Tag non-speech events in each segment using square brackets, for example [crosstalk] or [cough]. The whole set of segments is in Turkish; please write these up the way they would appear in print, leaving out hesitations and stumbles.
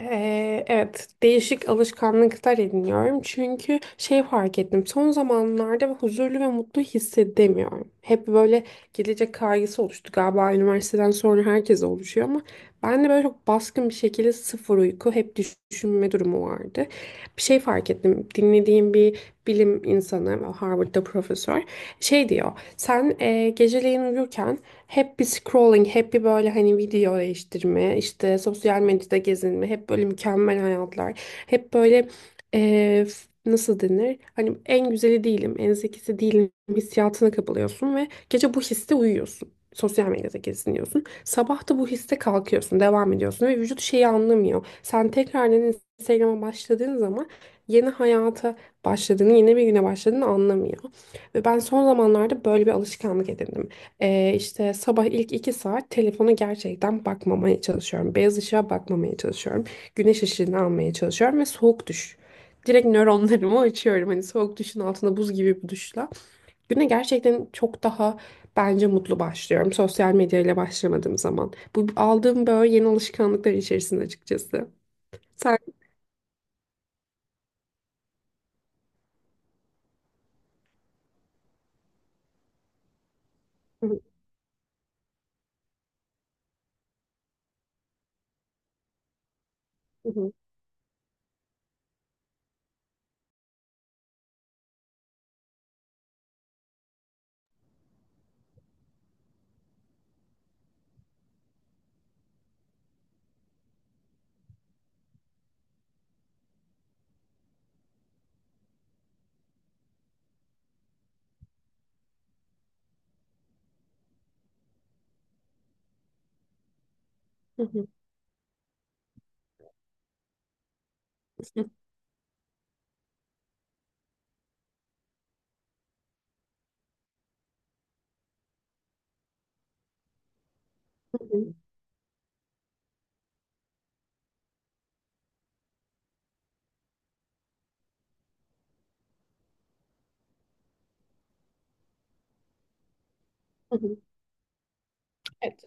Evet, değişik alışkanlıklar ediniyorum. Çünkü şey fark ettim. Son zamanlarda huzurlu ve mutlu hissedemiyorum. Hep böyle gelecek kaygısı oluştu galiba, üniversiteden sonra herkes oluşuyor ama ben de böyle çok baskın bir şekilde sıfır uyku, hep düşünme durumu vardı. Bir şey fark ettim. Dinlediğim bir bilim insanı, Harvard'da profesör, şey diyor. Sen geceleyin uyurken hep bir scrolling, hep bir böyle hani video değiştirme, işte sosyal medyada gezinme, hep böyle mükemmel hayatlar. Hep böyle nasıl denir? Hani en güzeli değilim, en zekisi değilim hissiyatına kapılıyorsun ve gece bu hisse uyuyorsun. Sosyal medyada geziniyorsun. Sabah da bu hisse kalkıyorsun, devam ediyorsun ve vücut şeyi anlamıyor. Sen tekrardan Instagram'a başladığın zaman yeni hayata başladığını, yeni bir güne başladığını anlamıyor. Ve ben son zamanlarda böyle bir alışkanlık edindim. İşte sabah ilk iki saat telefona gerçekten bakmamaya çalışıyorum. Beyaz ışığa bakmamaya çalışıyorum. Güneş ışığını almaya çalışıyorum ve soğuk duş. Direkt nöronlarımı [laughs] açıyorum. Hani soğuk duşun altında buz gibi bir duşla. Güne gerçekten çok daha bence mutlu başlıyorum. Sosyal medyayla başlamadığım zaman. Bu aldığım böyle yeni alışkanlıklar içerisinde açıkçası. Sen. [laughs] Hı hı. Hı hı. Hı hı. Evet.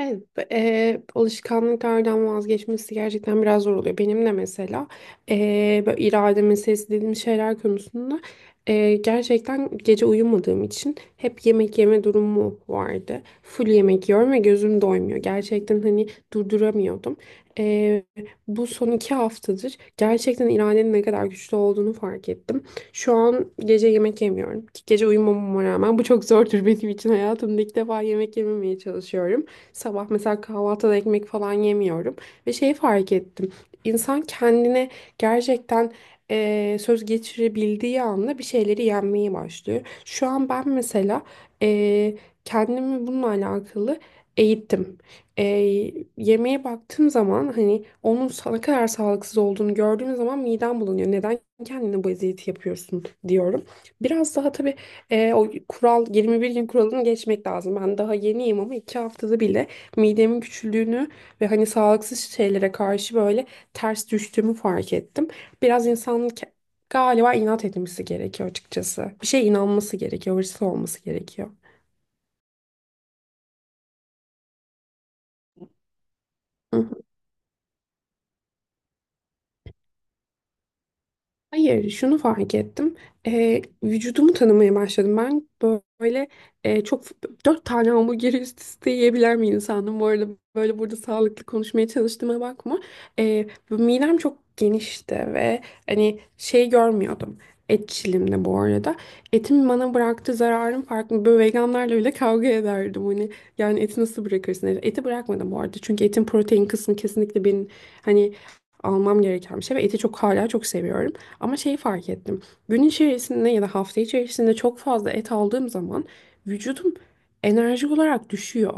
Evet, alışkanlıklardan vazgeçmesi gerçekten biraz zor oluyor. Benim de mesela böyle irade meselesi dediğimiz şeyler konusunda gerçekten gece uyumadığım için hep yemek yeme durumu vardı. Full yemek yiyorum ve gözüm doymuyor. Gerçekten hani durduramıyordum. E, Bu son iki haftadır gerçekten iradenin ne kadar güçlü olduğunu fark ettim. Şu an gece yemek yemiyorum. Gece uyumamama rağmen bu çok zordur, [laughs] benim için hayatımda ilk defa yemek yememeye çalışıyorum. Sabah mesela kahvaltıda ekmek falan yemiyorum. Ve şeyi fark ettim. İnsan kendine gerçekten söz geçirebildiği anda bir şeyleri yenmeye başlıyor. Şu an ben mesela eee, kendimi bununla alakalı eğittim. Yemeğe baktığım zaman hani ne kadar sağlıksız olduğunu gördüğüm zaman midem bulanıyor. Neden kendine bu eziyeti yapıyorsun diyorum. Biraz daha tabii o kural, 21 gün kuralını geçmek lazım. Ben daha yeniyim ama iki haftada bile midemin küçüldüğünü ve hani sağlıksız şeylere karşı böyle ters düştüğümü fark ettim. Biraz insanın ke- Galiba inat etmesi gerekiyor açıkçası. Bir şeye inanması gerekiyor, hırslı olması gerekiyor. Hayır, şunu fark ettim. Vücudumu tanımaya başladım. Ben böyle çok dört tane hamburgeri üst üste yiyebilen bir insandım. Bu arada böyle burada sağlıklı konuşmaya çalıştığıma bakma. Bu midem çok genişti ve hani şey görmüyordum. Etçilimde bu arada. Etin bana bıraktığı zararın farkında. Böyle veganlarla bile kavga ederdim. Hani yani eti nasıl bırakırsın? Hani, eti bırakmadım bu arada. Çünkü etin protein kısmı kesinlikle benim hani almam gereken bir şey ve eti çok, hala çok seviyorum. Ama şeyi fark ettim. Gün içerisinde ya da hafta içerisinde çok fazla et aldığım zaman vücudum enerji olarak düşüyor.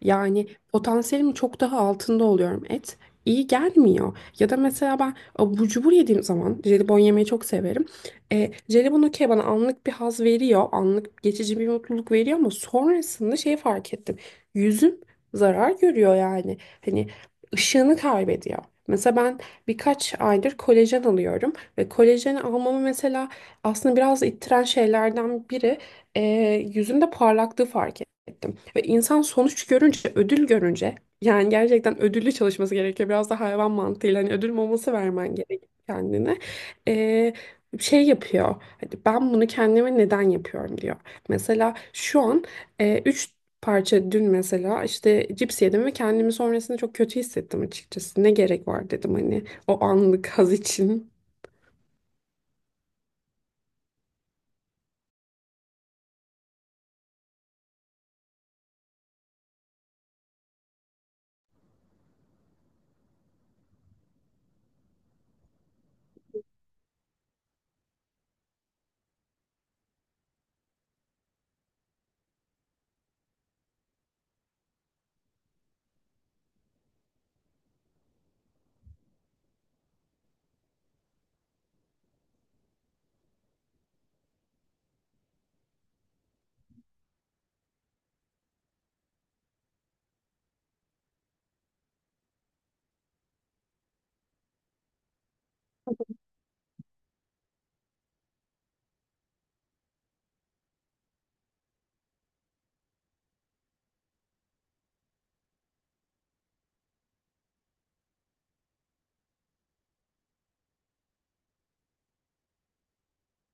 Yani potansiyelimin çok daha altında oluyorum. Et iyi gelmiyor. Ya da mesela ben abur cubur yediğim zaman jelibon yemeyi çok severim. Jelibon okey bana anlık bir haz veriyor. Anlık geçici bir mutluluk veriyor ama sonrasında şeyi fark ettim. Yüzüm zarar görüyor yani. Hani ışığını kaybediyor. Mesela ben birkaç aydır kolajen alıyorum. Ve kolajen almamı mesela aslında biraz ittiren şeylerden biri, e, yüzümde parlaklığı fark ettim. Ve insan sonuç görünce, ödül görünce yani gerçekten ödüllü çalışması gerekiyor. Biraz da hayvan mantığıyla hani ödül maması vermen gerekiyor kendine. E, Şey yapıyor. Hani ben bunu kendime neden yapıyorum diyor. Mesela şu an üç parça dün mesela işte cips yedim ve kendimi sonrasında çok kötü hissettim açıkçası. Ne gerek var dedim hani o anlık haz için.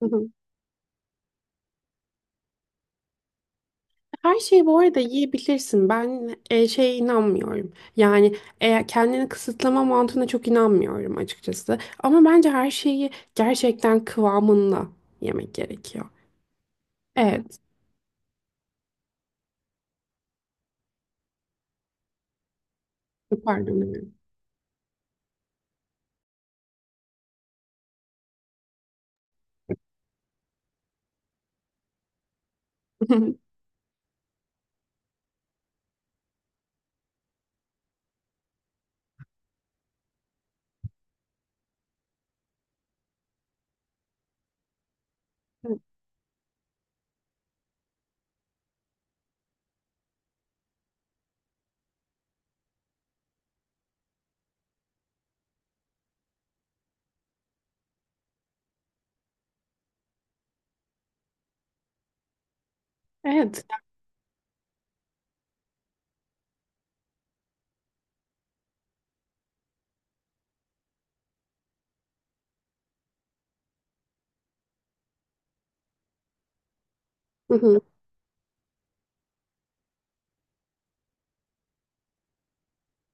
Hı hı. Her şeyi bu arada yiyebilirsin. Ben şeye inanmıyorum. Yani eğer kendini kısıtlama mantığına çok inanmıyorum açıkçası. Ama bence her şeyi gerçekten kıvamında yemek gerekiyor. Evet. Pardon. Evet. [laughs] Evet. Hı hı.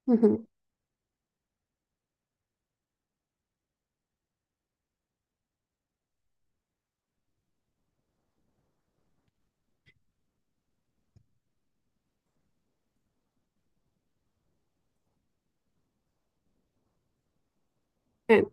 Hı hı. Evet.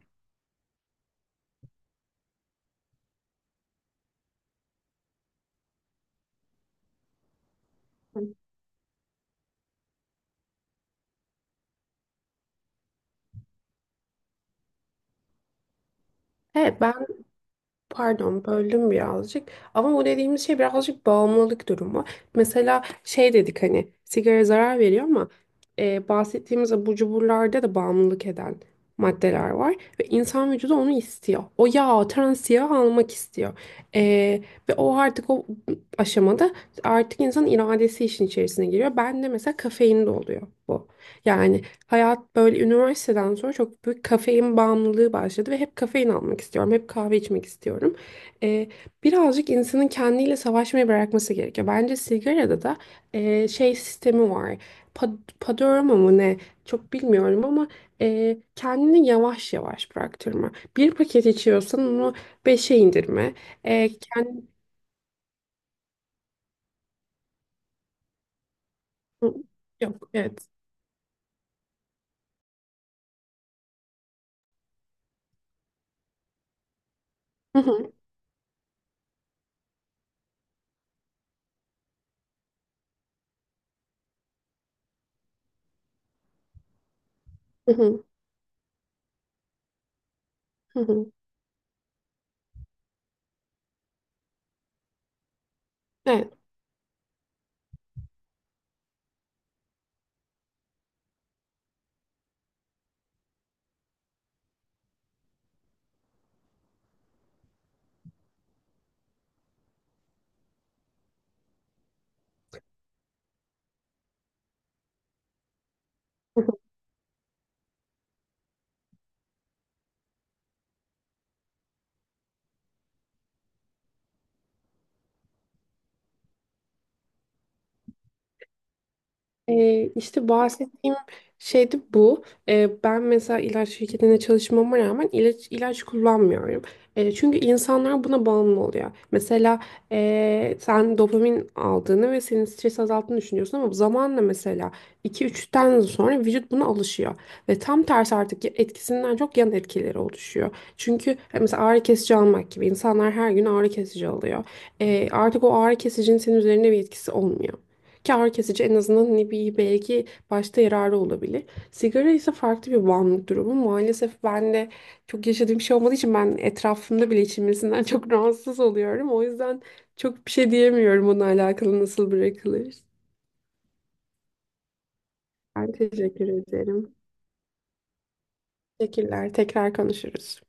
Evet, ben pardon böldüm birazcık ama bu dediğimiz şey birazcık bağımlılık durumu. Mesela şey dedik hani sigara zarar veriyor ama bahsettiğimiz abur cuburlarda da bağımlılık eden maddeler var ve insan vücudu onu istiyor. O yağ, trans yağ almak istiyor. E, Ve o artık o aşamada artık insanın iradesi işin içerisine giriyor. Ben de mesela kafeinde oluyor bu. Yani hayat böyle üniversiteden sonra çok büyük kafein bağımlılığı başladı ve hep kafein almak istiyorum, hep kahve içmek istiyorum. Ee, Birazcık insanın kendiyle savaşmayı bırakması gerekiyor. Bence sigarada da şey sistemi var. Padorama mı ne? Çok bilmiyorum ama kendini yavaş yavaş bıraktırma. Bir paket içiyorsan onu beşe indirme. E, kend- Yok, evet. Hı hı, hı hı, hı hı. Evet. İşte bahsettiğim şey de bu. Ben mesela ilaç şirketinde çalışmama rağmen ilaç kullanmıyorum. Çünkü insanlar buna bağımlı oluyor. Mesela sen dopamin aldığını ve senin stres azalttığını düşünüyorsun ama zamanla mesela 2-3'ten sonra vücut buna alışıyor. Ve tam tersi artık etkisinden çok yan etkileri oluşuyor. Çünkü mesela ağrı kesici almak gibi insanlar her gün ağrı kesici alıyor. Artık o ağrı kesicinin senin üzerinde bir etkisi olmuyor. Kâr kesici, en azından ne bir belki başta yararı olabilir. Sigara ise farklı bir bağımlılık durumu. Maalesef ben de çok yaşadığım bir şey olmadığı için ben etrafımda bile içilmesinden çok [laughs] rahatsız oluyorum. O yüzden çok bir şey diyemiyorum bununla alakalı nasıl bırakılır. Ben teşekkür ederim. Teşekkürler. Tekrar konuşuruz.